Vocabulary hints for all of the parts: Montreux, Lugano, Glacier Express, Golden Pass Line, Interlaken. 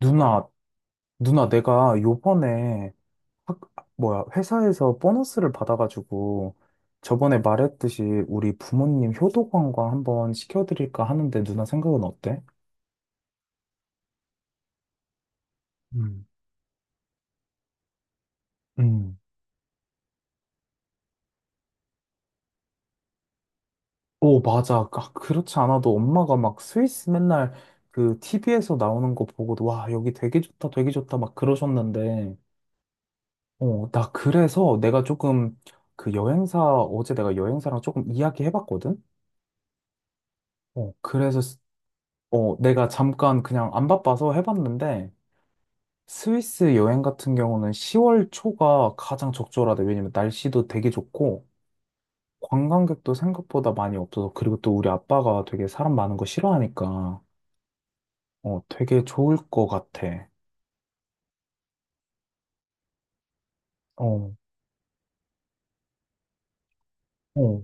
누나, 누나, 내가 요번에 학, 뭐야, 회사에서 보너스를 받아가지고 저번에 말했듯이 우리 부모님 효도관광 한번 시켜드릴까 하는데 누나 생각은 어때? 음. 음. 오, 맞아. 아, 그렇지 않아도 엄마가 막 스위스 맨날 그 TV에서 나오는 거 보고도 와, 여기 되게 좋다, 되게 좋다 막 그러셨는데, 어, 나 그래서 내가 조금 그 여행사, 어제 내가 여행사랑 조금 이야기 해봤거든? 어, 그래서 어, 내가 잠깐 그냥 안 바빠서 해봤는데, 스위스 여행 같은 경우는 10월 초가 가장 적절하대. 왜냐면 날씨도 되게 좋고, 관광객도 생각보다 많이 없어서, 그리고 또 우리 아빠가 되게 사람 많은 거 싫어하니까, 어, 되게 좋을 것 같아. 어, 어.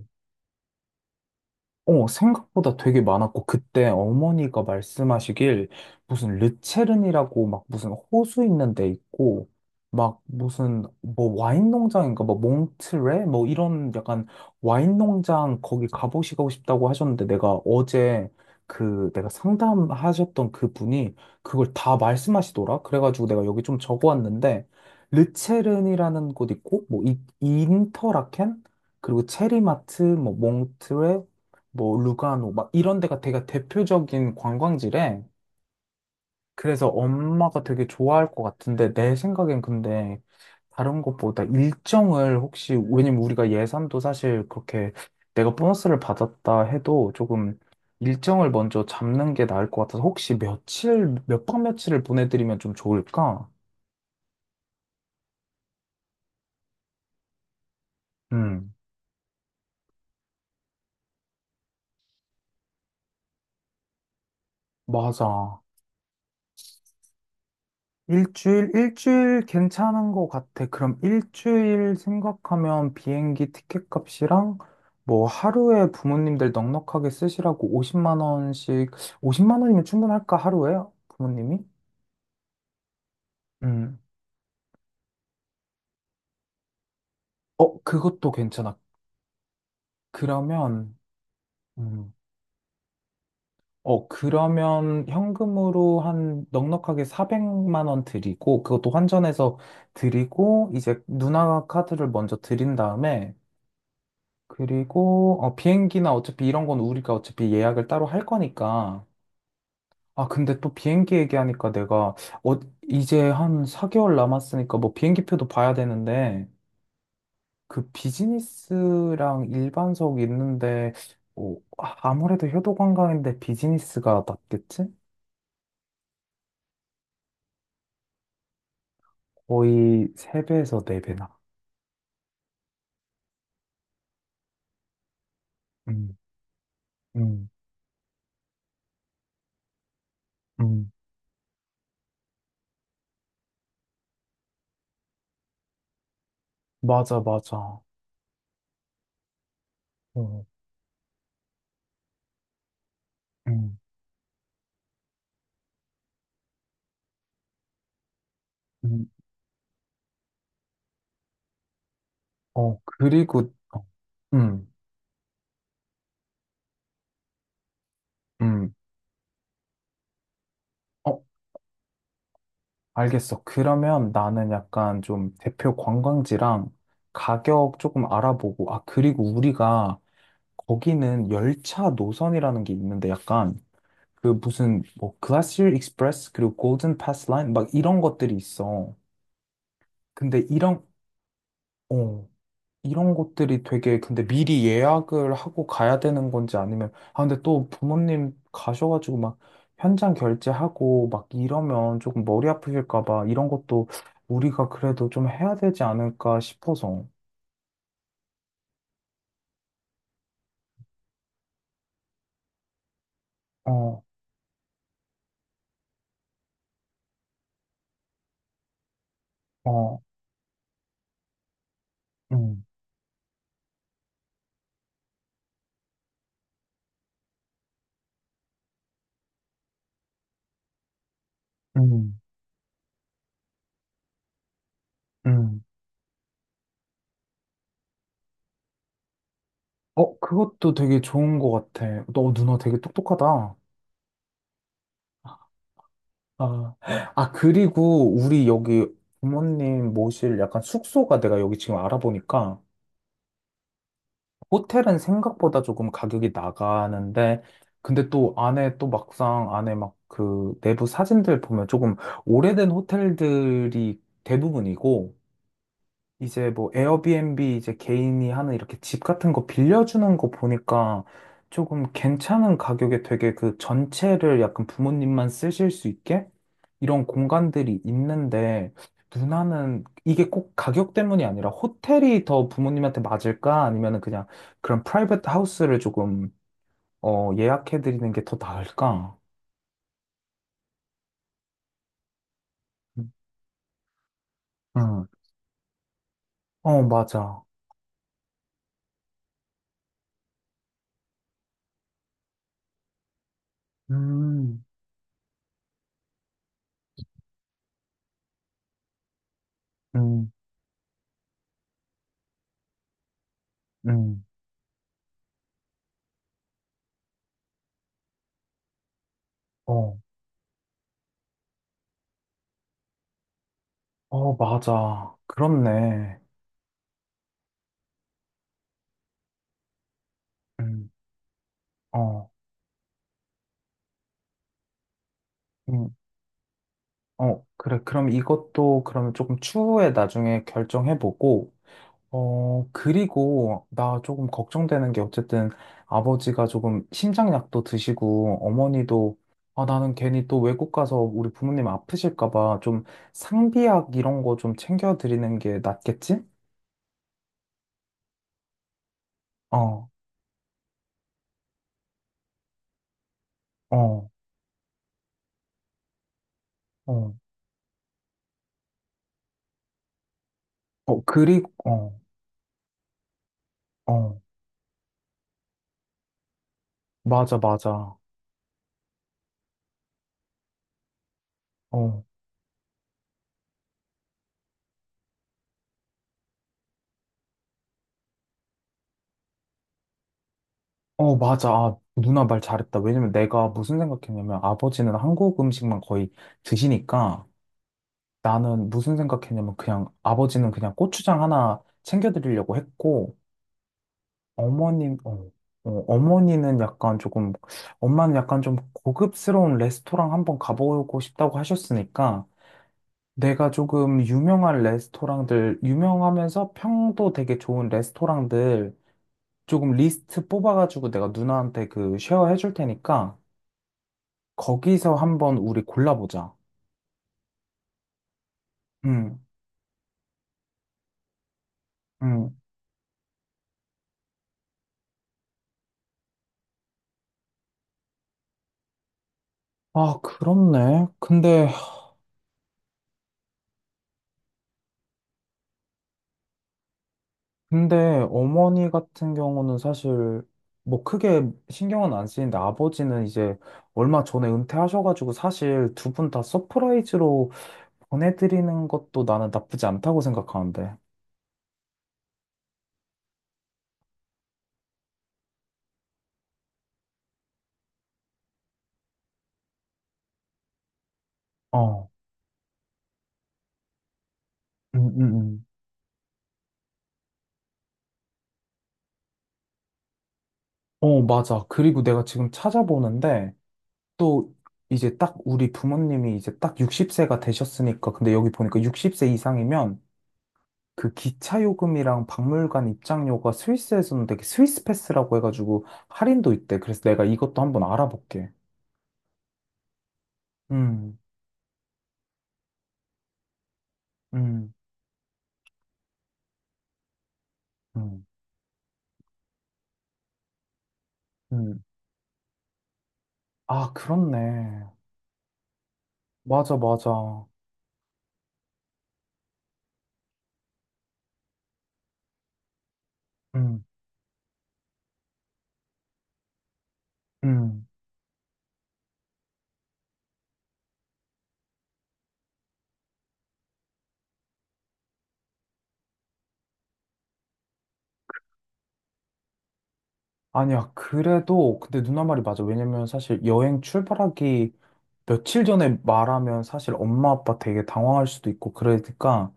어, 생각보다 되게 많았고, 그때 어머니가 말씀하시길, 무슨 르체른이라고 막 무슨 호수 있는 데 있고, 막 무슨 뭐 와인 농장인가, 뭐 몽트레? 뭐 이런 약간 와인 농장 거기 가보시고 싶다고 하셨는데, 내가 어제 그 내가 상담하셨던 그분이 그걸 다 말씀하시더라? 그래가지고 내가 여기 좀 적어왔는데, 르체른이라는 곳 있고, 뭐 이, 인터라켄? 그리고 체리마트, 뭐 몽트레, 뭐 루가노 막 이런 데가 되게 대표적인 관광지래. 그래서 엄마가 되게 좋아할 것 같은데 내 생각엔 근데 다른 것보다 일정을 혹시 왜냐면 우리가 예산도 사실 그렇게 내가 보너스를 받았다 해도 조금 일정을 먼저 잡는 게 나을 것 같아서 혹시 며칠 몇 박 며칠을 보내드리면 좀 좋을까? 음, 맞아. 일주일, 일주일 괜찮은 것 같아. 그럼 일주일 생각하면 비행기 티켓 값이랑 뭐 하루에 부모님들 넉넉하게 쓰시라고 50만 원씩, 50만 원이면 충분할까, 하루에? 부모님이? 음. 어, 그것도 괜찮아. 그러면, 음. 어, 그러면 현금으로 한 넉넉하게 400만 원 드리고, 그것도 환전해서 드리고, 이제 누나 카드를 먼저 드린 다음에, 그리고 어, 비행기나 어차피 이런 건 우리가 어차피 예약을 따로 할 거니까. 아, 근데 또 비행기 얘기하니까 내가 어, 이제 한 4개월 남았으니까 뭐 비행기표도 봐야 되는데 그 비즈니스랑 일반석 있는데 어, 아, 아무래도 효도관광인데 비즈니스가 낫겠지? 거의 3배에서 4배나. 음, 음, 음. 맞아, 맞아. 어, 음, 음. 어, 그리고, 어, 음, 음. 어, 알겠어. 그러면 나는 약간 좀 대표 관광지랑 가격 조금 알아보고, 아, 그리고 우리가 거기는 열차 노선이라는 게 있는데 약간 그 무슨 뭐 글라시어 익스프레스 그리고 골든 패스 라인 막 이런 것들이 있어. 근데 이런, 어, 이런 것들이 되게 근데 미리 예약을 하고 가야 되는 건지 아니면 아 근데 또 부모님 가셔가지고 막 현장 결제하고 막 이러면 조금 머리 아프실까 봐 이런 것도 우리가 그래도 좀 해야 되지 않을까 싶어서 어, 어, 음, 음, 음. 어, 그것도 되게 좋은 것 같아. 너 누나 되게 똑똑하다. 아, 아, 그리고 우리 여기 부모님 모실 약간 숙소가 내가 여기 지금 알아보니까 호텔은 생각보다 조금 가격이 나가는데, 근데 또 안에 또 막상 안에 막 그 내부 사진들 보면 조금 오래된 호텔들이 대부분이고, 이제 뭐 에어비앤비 이제 개인이 하는 이렇게 집 같은 거 빌려주는 거 보니까 조금 괜찮은 가격에 되게 그 전체를 약간 부모님만 쓰실 수 있게 이런 공간들이 있는데 누나는 이게 꼭 가격 때문이 아니라 호텔이 더 부모님한테 맞을까? 아니면은 그냥 그런 프라이빗 하우스를 조금 어, 예약해드리는 게 더 나을까? 응. 어, 맞아. 음, 음, 음. 어, 어, 맞아. 그렇네. 음, 어, 음, 어, 그래. 그럼 이것도 그러면 조금 추후에 나중에 결정해보고, 어, 그리고 나 조금 걱정되는 게 어쨌든 아버지가 조금 심장약도 드시고, 어머니도 아, 나는 괜히 또 외국 가서 우리 부모님 아프실까 봐 좀 상비약 이런 거 좀 챙겨드리는 게 낫겠지? 어, 어, 어, 어, 그리고, 어, 어, 맞아, 맞아. 어. 어, 맞아. 아, 누나 말 잘했다. 왜냐면 내가 무슨 생각했냐면 아버지는 한국 음식만 거의 드시니까 나는 무슨 생각했냐면 그냥 아버지는 그냥 고추장 하나 챙겨드리려고 했고 어머님, 어, 어, 어머니는 약간 조금, 엄마는 약간 좀 고급스러운 레스토랑 한번 가보고 싶다고 하셨으니까 내가 조금 유명한 레스토랑들, 유명하면서 평도 되게 좋은 레스토랑들 조금 리스트 뽑아가지고 내가 누나한테 그 쉐어 해줄 테니까 거기서 한번 우리 골라보자. 응, 응. 아, 그렇네. 근데, 근데 어머니 같은 경우는 사실 뭐 크게 신경은 안 쓰이는데 아버지는 이제 얼마 전에 은퇴하셔가지고 사실 두 분 다 서프라이즈로 보내드리는 것도 나는 나쁘지 않다고 생각하는데. 어, 응, 응, 응. 어, 맞아. 그리고 내가 지금 찾아보는데 또 이제 딱 우리 부모님이 이제 딱 60세가 되셨으니까 근데 여기 보니까 60세 이상이면 그 기차 요금이랑 박물관 입장료가 스위스에서는 되게 스위스 패스라고 해가지고 할인도 있대. 그래서 내가 이것도 한번 알아볼게. 음, 음, 음, 음. 아, 그렇네. 맞아, 맞아. 음, 음. 아니야, 그래도, 근데 누나 말이 맞아. 왜냐면 사실 여행 출발하기 며칠 전에 말하면 사실 엄마 아빠 되게 당황할 수도 있고 그러니까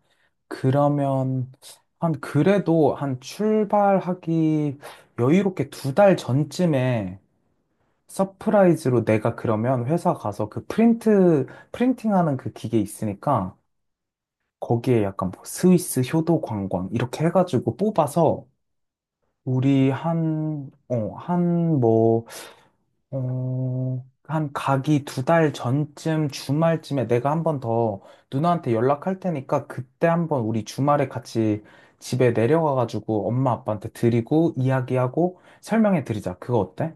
그러면 한 그래도 한 출발하기 여유롭게 2달 전쯤에 서프라이즈로 내가 그러면 회사 가서 그 프린트 프린팅하는 그 기계 있으니까 거기에 약간 뭐 스위스 효도 관광 이렇게 해가지고 뽑아서 우리 한어한뭐 어, 한 가기 2달 전쯤 주말쯤에 내가 한 번 더 누나한테 연락할 테니까 그때 한번 우리 주말에 같이 집에 내려가가지고 엄마 아빠한테 드리고 이야기하고 설명해 드리자. 그거 어때?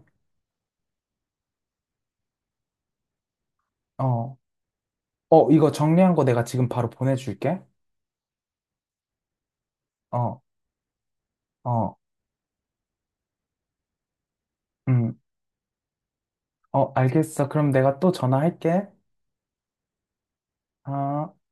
어, 어, 이거 정리한 거 내가 지금 바로 보내줄게. 어, 어, 음, 어, 알겠어. 그럼 내가 또 전화할게. 아.